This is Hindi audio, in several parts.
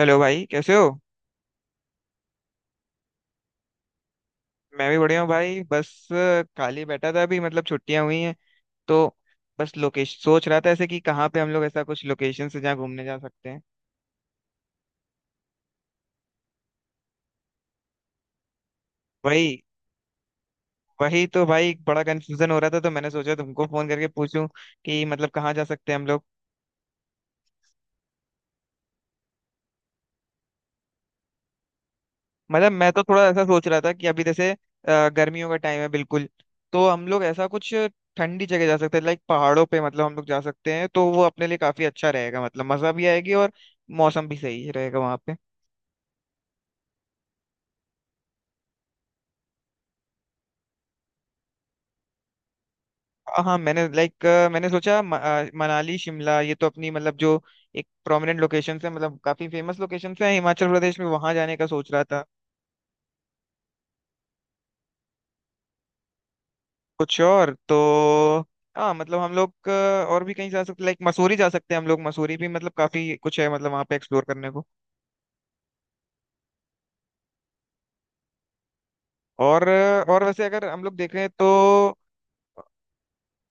हेलो भाई कैसे हो। मैं भी बढ़िया हूँ भाई बस खाली बैठा था अभी मतलब छुट्टियां हुई हैं तो बस लोकेशन सोच रहा था ऐसे कि कहाँ पे हम लोग ऐसा कुछ लोकेशन से जहाँ घूमने जा सकते हैं। वही वही तो भाई बड़ा कंफ्यूजन हो रहा था तो मैंने सोचा तुमको फोन करके पूछूं कि मतलब कहाँ जा सकते हैं हम लोग। मतलब मैं तो थोड़ा ऐसा सोच रहा था कि अभी जैसे गर्मियों का टाइम है बिल्कुल, तो हम लोग ऐसा कुछ ठंडी जगह जा सकते हैं, लाइक पहाड़ों पे मतलब हम लोग जा सकते हैं तो वो अपने लिए काफी अच्छा रहेगा, मतलब मजा भी आएगी और मौसम भी सही रहेगा वहाँ पे। हाँ, मैंने सोचा मनाली शिमला ये तो अपनी मतलब जो एक प्रोमिनेंट लोकेशन है, मतलब काफी फेमस लोकेशन है हिमाचल प्रदेश में, वहां जाने का सोच रहा था। कुछ और तो हाँ मतलब हम लोग और भी कहीं जा सकते, लाइक मसूरी जा सकते हैं हम लोग, मसूरी भी मतलब काफी कुछ है मतलब वहां पे एक्सप्लोर करने को। और और वैसे अगर हम लोग देखें तो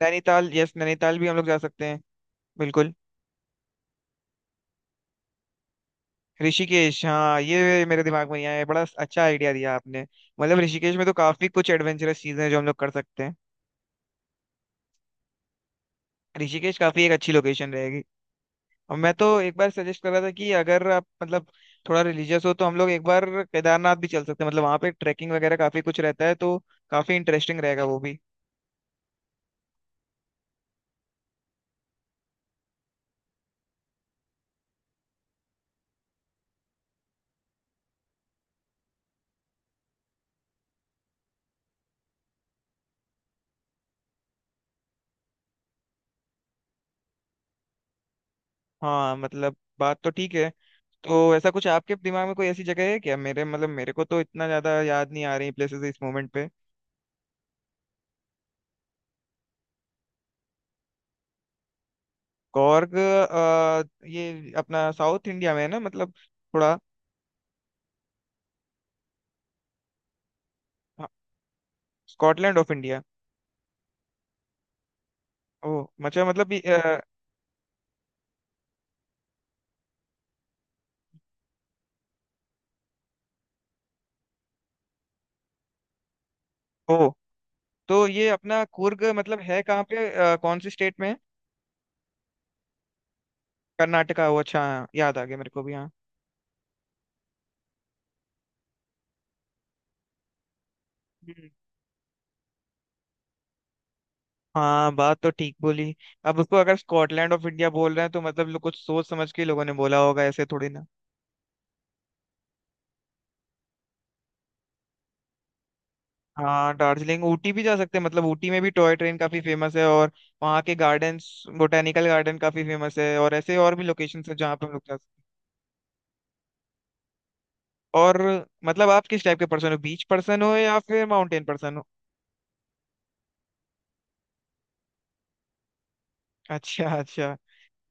नैनीताल, यस नैनीताल भी हम लोग जा सकते हैं बिल्कुल। ऋषिकेश, हाँ ये मेरे दिमाग में नहीं आया, बड़ा अच्छा आइडिया दिया आपने। मतलब ऋषिकेश में तो काफी कुछ एडवेंचरस चीजें हैं जो हम लोग कर सकते हैं। ऋषिकेश काफी एक अच्छी लोकेशन रहेगी। और मैं तो एक बार सजेस्ट कर रहा था कि अगर आप मतलब थोड़ा रिलीजियस हो तो हम लोग एक बार केदारनाथ भी चल सकते हैं, मतलब वहाँ पे ट्रैकिंग वगैरह काफी कुछ रहता है तो काफी इंटरेस्टिंग रहेगा वो भी। हाँ मतलब बात तो ठीक है। तो ऐसा कुछ आपके दिमाग में कोई ऐसी जगह है क्या मेरे, मतलब मेरे को तो इतना ज्यादा याद नहीं आ रही प्लेसेस इस मोमेंट पे। कॉर्ग, ये अपना साउथ इंडिया में है ना मतलब थोड़ा। हाँ, स्कॉटलैंड ऑफ इंडिया। ओ अच्छा मतलब ये, ओ तो ये अपना कुर्ग मतलब है कहाँ पे, कौन सी स्टेट में है। कर्नाटका, ओ अच्छा हाँ, याद आ गया मेरे को भी हाँ। हम्म। हाँ बात तो ठीक बोली। अब उसको अगर स्कॉटलैंड ऑफ इंडिया बोल रहे हैं तो मतलब लोग कुछ सोच समझ के, लोगों ने बोला होगा, ऐसे थोड़ी ना। हाँ, दार्जिलिंग ऊटी भी जा सकते हैं, मतलब ऊटी में भी टॉय ट्रेन काफी फेमस है और वहाँ के गार्डन्स, बोटेनिकल गार्डन काफी फेमस है, और ऐसे और भी लोकेशन है जहाँ पे हम लोग जा सकते हैं। और मतलब आप किस टाइप के पर्सन हो, बीच पर्सन हो या फिर माउंटेन पर्सन हो। अच्छा अच्छा।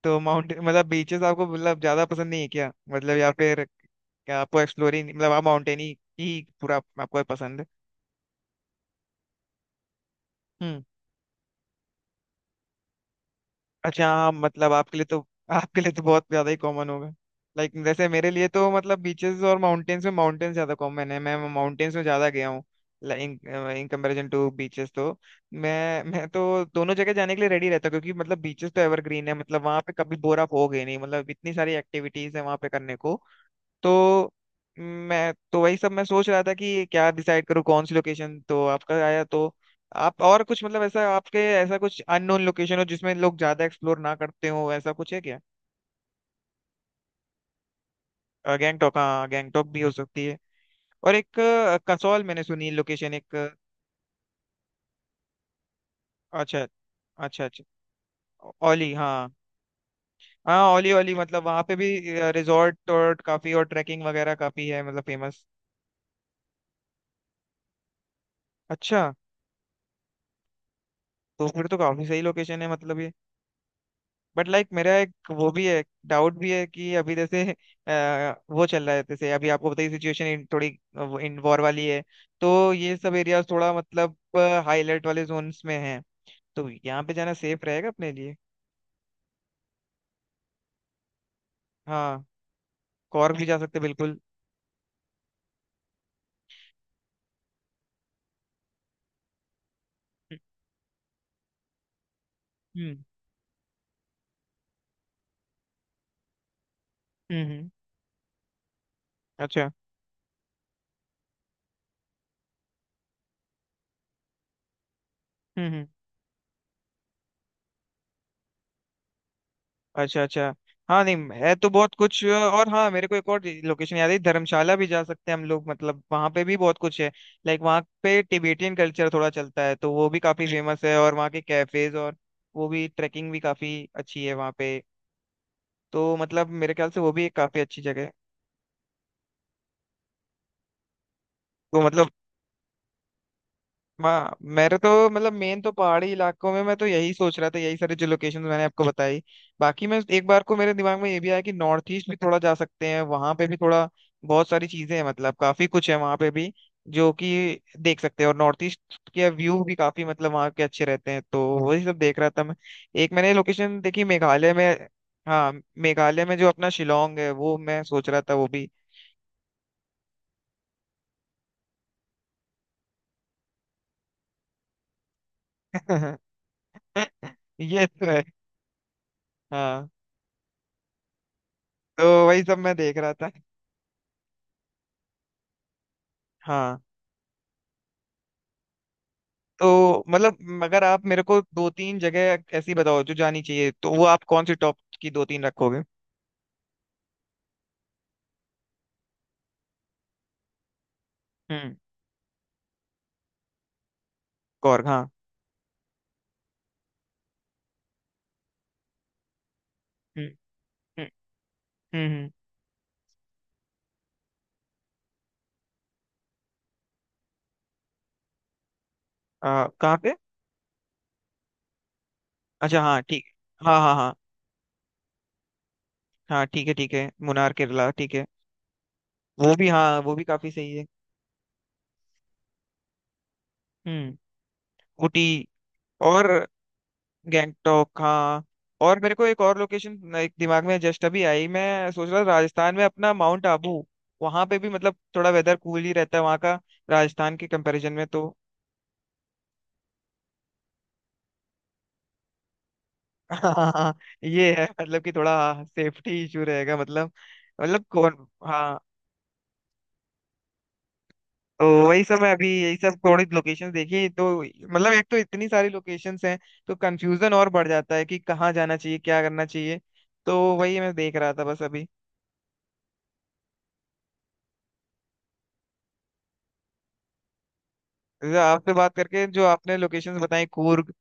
तो माउंटेन, मतलब बीचेस आपको मतलब ज्यादा पसंद नहीं है क्या, मतलब या फिर क्या आपको एक्सप्लोरिंग, मतलब आप माउंटेन ही पूरा आपको पसंद है। हम्म। अच्छा हाँ मतलब आपके लिए तो बहुत ज्यादा ही कॉमन होगा। लाइक जैसे मेरे लिए तो मतलब बीचेस और माउंटेन्स में माउंटेन्स ज्यादा कॉमन है, मैं माउंटेन्स में ज्यादा गया हूँ इन कंपैरिजन टू बीचेस। तो मैं तो दोनों जगह जाने के लिए रेडी रहता हूँ, क्योंकि मतलब बीचेस तो एवरग्रीन है, मतलब वहाँ पे कभी बोर आप होगे नहीं, मतलब इतनी सारी एक्टिविटीज है वहाँ पे करने को। तो मैं तो वही सब मैं सोच रहा था कि क्या डिसाइड करूँ कौन सी लोकेशन, तो आपका आया तो आप और कुछ मतलब ऐसा आपके, ऐसा कुछ अननोन लोकेशन हो जिसमें लोग ज्यादा एक्सप्लोर ना करते हो, ऐसा कुछ है क्या। गैंगटॉक, हाँ गैंगटॉक भी हो सकती है। और एक कसौल मैंने सुनी लोकेशन एक अच्छा अच्छा। अच्छा, ओली, हाँ हाँ ओली ओली मतलब वहाँ पे भी रिजॉर्ट और काफी और ट्रैकिंग वगैरह काफी है, मतलब फेमस। अच्छा, तो फिर तो काफी सही लोकेशन है मतलब ये। बट लाइक मेरा एक वो भी है, डाउट भी है कि अभी जैसे वो चल रहा है जैसे अभी आपको बताइए, सिचुएशन थोड़ी इन वॉर वाली है, तो ये सब एरियाज थोड़ा मतलब हाई अलर्ट वाले जोन्स में हैं, तो यहाँ पे जाना सेफ रहेगा अपने लिए। हाँ कॉर्ग भी जा सकते हैं बिल्कुल। हम्म हम्म हम्म, अच्छा। हम्म। अच्छा अच्छा। हाँ नहीं है तो बहुत कुछ, और हाँ मेरे को एक और लोकेशन याद है, धर्मशाला भी जा सकते हैं हम लोग, मतलब वहाँ पे भी बहुत कुछ है। लाइक वहाँ पे टिबेटियन कल्चर थोड़ा चलता है तो वो भी काफी फेमस है, और वहाँ के कैफेज और वो भी, ट्रैकिंग भी काफी अच्छी है वहाँ पे। तो मतलब मेरे ख्याल से वो भी एक काफी अच्छी जगह है। तो मतलब हाँ मेरे तो मतलब मेन तो पहाड़ी इलाकों में मैं तो यही सोच रहा था, यही सारी जो लोकेशन मैंने आपको बताई। बाकी मैं एक बार को मेरे दिमाग में ये भी आया कि नॉर्थ ईस्ट भी थोड़ा जा सकते हैं, वहां पे भी थोड़ा बहुत सारी चीजें हैं, मतलब काफी कुछ है वहां पे भी जो कि देख सकते हैं, और नॉर्थ ईस्ट के व्यू भी काफी मतलब वहाँ के अच्छे रहते हैं, तो वही सब देख रहा था मैं। एक मैंने लोकेशन देखी मेघालय में, हाँ मेघालय में जो अपना शिलोंग है, वो मैं सोच रहा था वो भी। ये तो है। हाँ तो वही सब मैं देख रहा था। हाँ तो मतलब अगर आप मेरे को दो तीन जगह ऐसी बताओ जो जानी चाहिए, तो वो आप कौन सी टॉप की दो तीन रखोगे। हम्म, कौर हाँ। हम्म हम्म हम्म हम्म। आ, कहाँ पे। अच्छा हाँ ठीक। हाँ हाँ हाँ। हाँ ठीक है ठीक है, मुनार केरला ठीक है। वो भी हाँ वो भी काफी सही है। हम्म, ऊटी। और गैंगटॉक हाँ। और मेरे को एक और लोकेशन एक दिमाग में जस्ट अभी आई, मैं सोच रहा था राजस्थान में अपना माउंट आबू, वहां पे भी मतलब थोड़ा वेदर कूल ही रहता है वहाँ का, राजस्थान के कंपैरिजन में तो। हाँ ये है मतलब कि थोड़ा सेफ्टी इशू रहेगा मतलब। मतलब कौन हाँ। तो वही सब है अभी, यही सब थोड़ी लोकेशन देखी, तो मतलब एक तो इतनी सारी लोकेशंस हैं तो कंफ्यूजन और बढ़ जाता है कि कहाँ जाना चाहिए, क्या करना चाहिए। तो वही मैं देख रहा था बस अभी। जैसे आपसे बात करके जो आपने लोकेशंस बताई, कूर्ग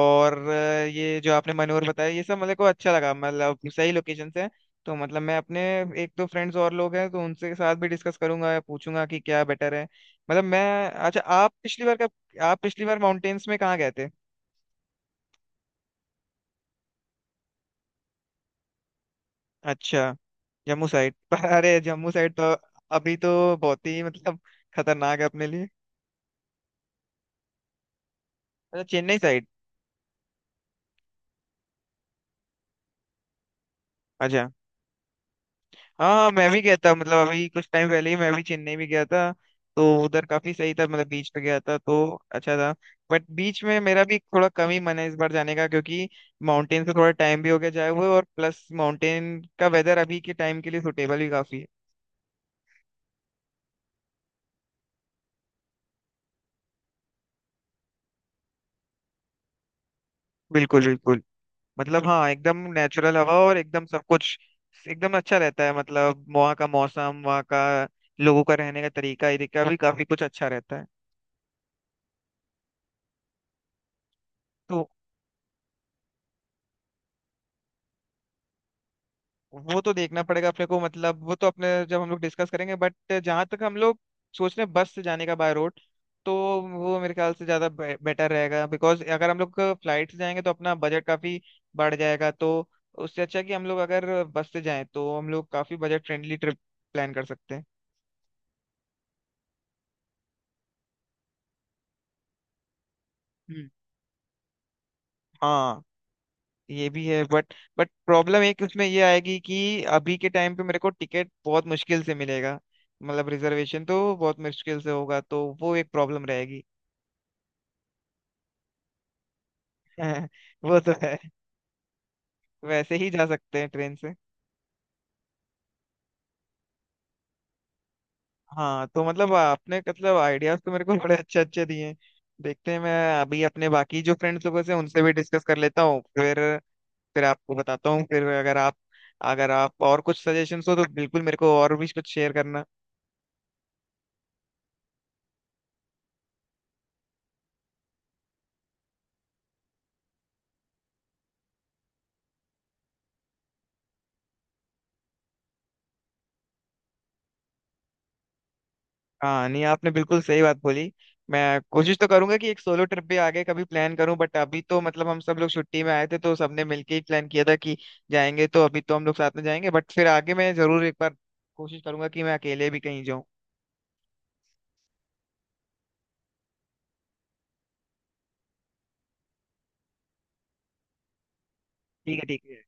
और ये जो आपने मनोर बताया, ये सब मेरे को अच्छा लगा, मतलब सही लोकेशंस हैं। तो मतलब मैं अपने एक दो फ्रेंड्स और लोग हैं तो उनसे साथ भी डिस्कस करूंगा या पूछूंगा कि क्या बेटर है। मतलब मैं, अच्छा आप पिछली बार कब, आप पिछली बार माउंटेन्स में कहाँ गए थे। अच्छा जम्मू साइड पर। अरे जम्मू साइड तो अभी तो बहुत ही मतलब खतरनाक है अपने लिए। अच्छा चेन्नई साइड। अच्छा हाँ मैं भी गया था, मतलब अभी कुछ टाइम पहले ही मैं भी चेन्नई भी गया था, तो उधर काफी सही था, मतलब बीच पे गया था तो अच्छा था। बट बीच में मेरा भी थोड़ा कम ही मन है इस बार जाने का, क्योंकि माउंटेन से थोड़ा टाइम भी हो गया जाए हुए और प्लस माउंटेन का वेदर अभी के टाइम के लिए सुटेबल भी काफी है। बिल्कुल बिल्कुल। मतलब हाँ एकदम नेचुरल हवा और एकदम सब कुछ एकदम अच्छा रहता है, मतलब वहाँ का मौसम, वहाँ का लोगों का रहने का तरीका, ये का भी काफी कुछ अच्छा रहता है। तो वो तो देखना पड़ेगा अपने को, मतलब वो तो अपने जब हम लोग डिस्कस करेंगे, बट जहां तक हम लोग सोच रहे हैं बस से जाने का, बाय रोड, तो वो मेरे ख्याल से ज्यादा बेटर रहेगा, बिकॉज अगर हम लोग फ्लाइट से जाएंगे तो अपना बजट काफी बढ़ जाएगा, तो उससे अच्छा कि हम लोग अगर बस से जाएं तो हम लोग काफी बजट फ्रेंडली ट्रिप प्लान कर सकते हैं। हम्म हाँ ये भी है, बट प्रॉब्लम एक उसमें ये आएगी कि अभी के टाइम पे मेरे को टिकट बहुत मुश्किल से मिलेगा, मतलब रिजर्वेशन तो बहुत मुश्किल से होगा, तो वो एक प्रॉब्लम रहेगी। हैं वो तो है, वैसे ही जा सकते हैं ट्रेन से। हाँ तो मतलब आपने, मतलब आइडियाज तो मेरे को बड़े अच्छे अच्छे दिए हैं। देखते हैं, मैं अभी अपने बाकी जो फ्रेंड्स लोगों से उनसे भी डिस्कस कर लेता हूँ, फिर आपको बताता हूँ, फिर अगर आप, अगर आप और कुछ सजेशंस हो तो बिल्कुल मेरे को और भी कुछ शेयर करना। हाँ नहीं आपने बिल्कुल सही बात बोली। मैं कोशिश तो करूंगा कि एक सोलो ट्रिप भी आगे कभी प्लान करूं, बट अभी तो मतलब हम सब लोग छुट्टी में आए थे तो सबने मिलके ही प्लान किया था कि जाएंगे, तो अभी तो हम लोग साथ में जाएंगे, बट फिर आगे मैं जरूर एक बार कोशिश करूंगा कि मैं अकेले भी कहीं जाऊं। ठीक है ठीक है।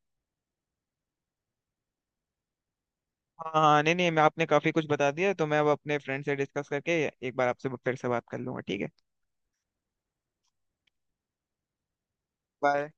हाँ हाँ नहीं नहीं मैं आपने काफी कुछ बता दिया, तो मैं अब अपने फ्रेंड से डिस्कस करके एक बार आपसे फिर से बात कर लूंगा ठीक है। बाय।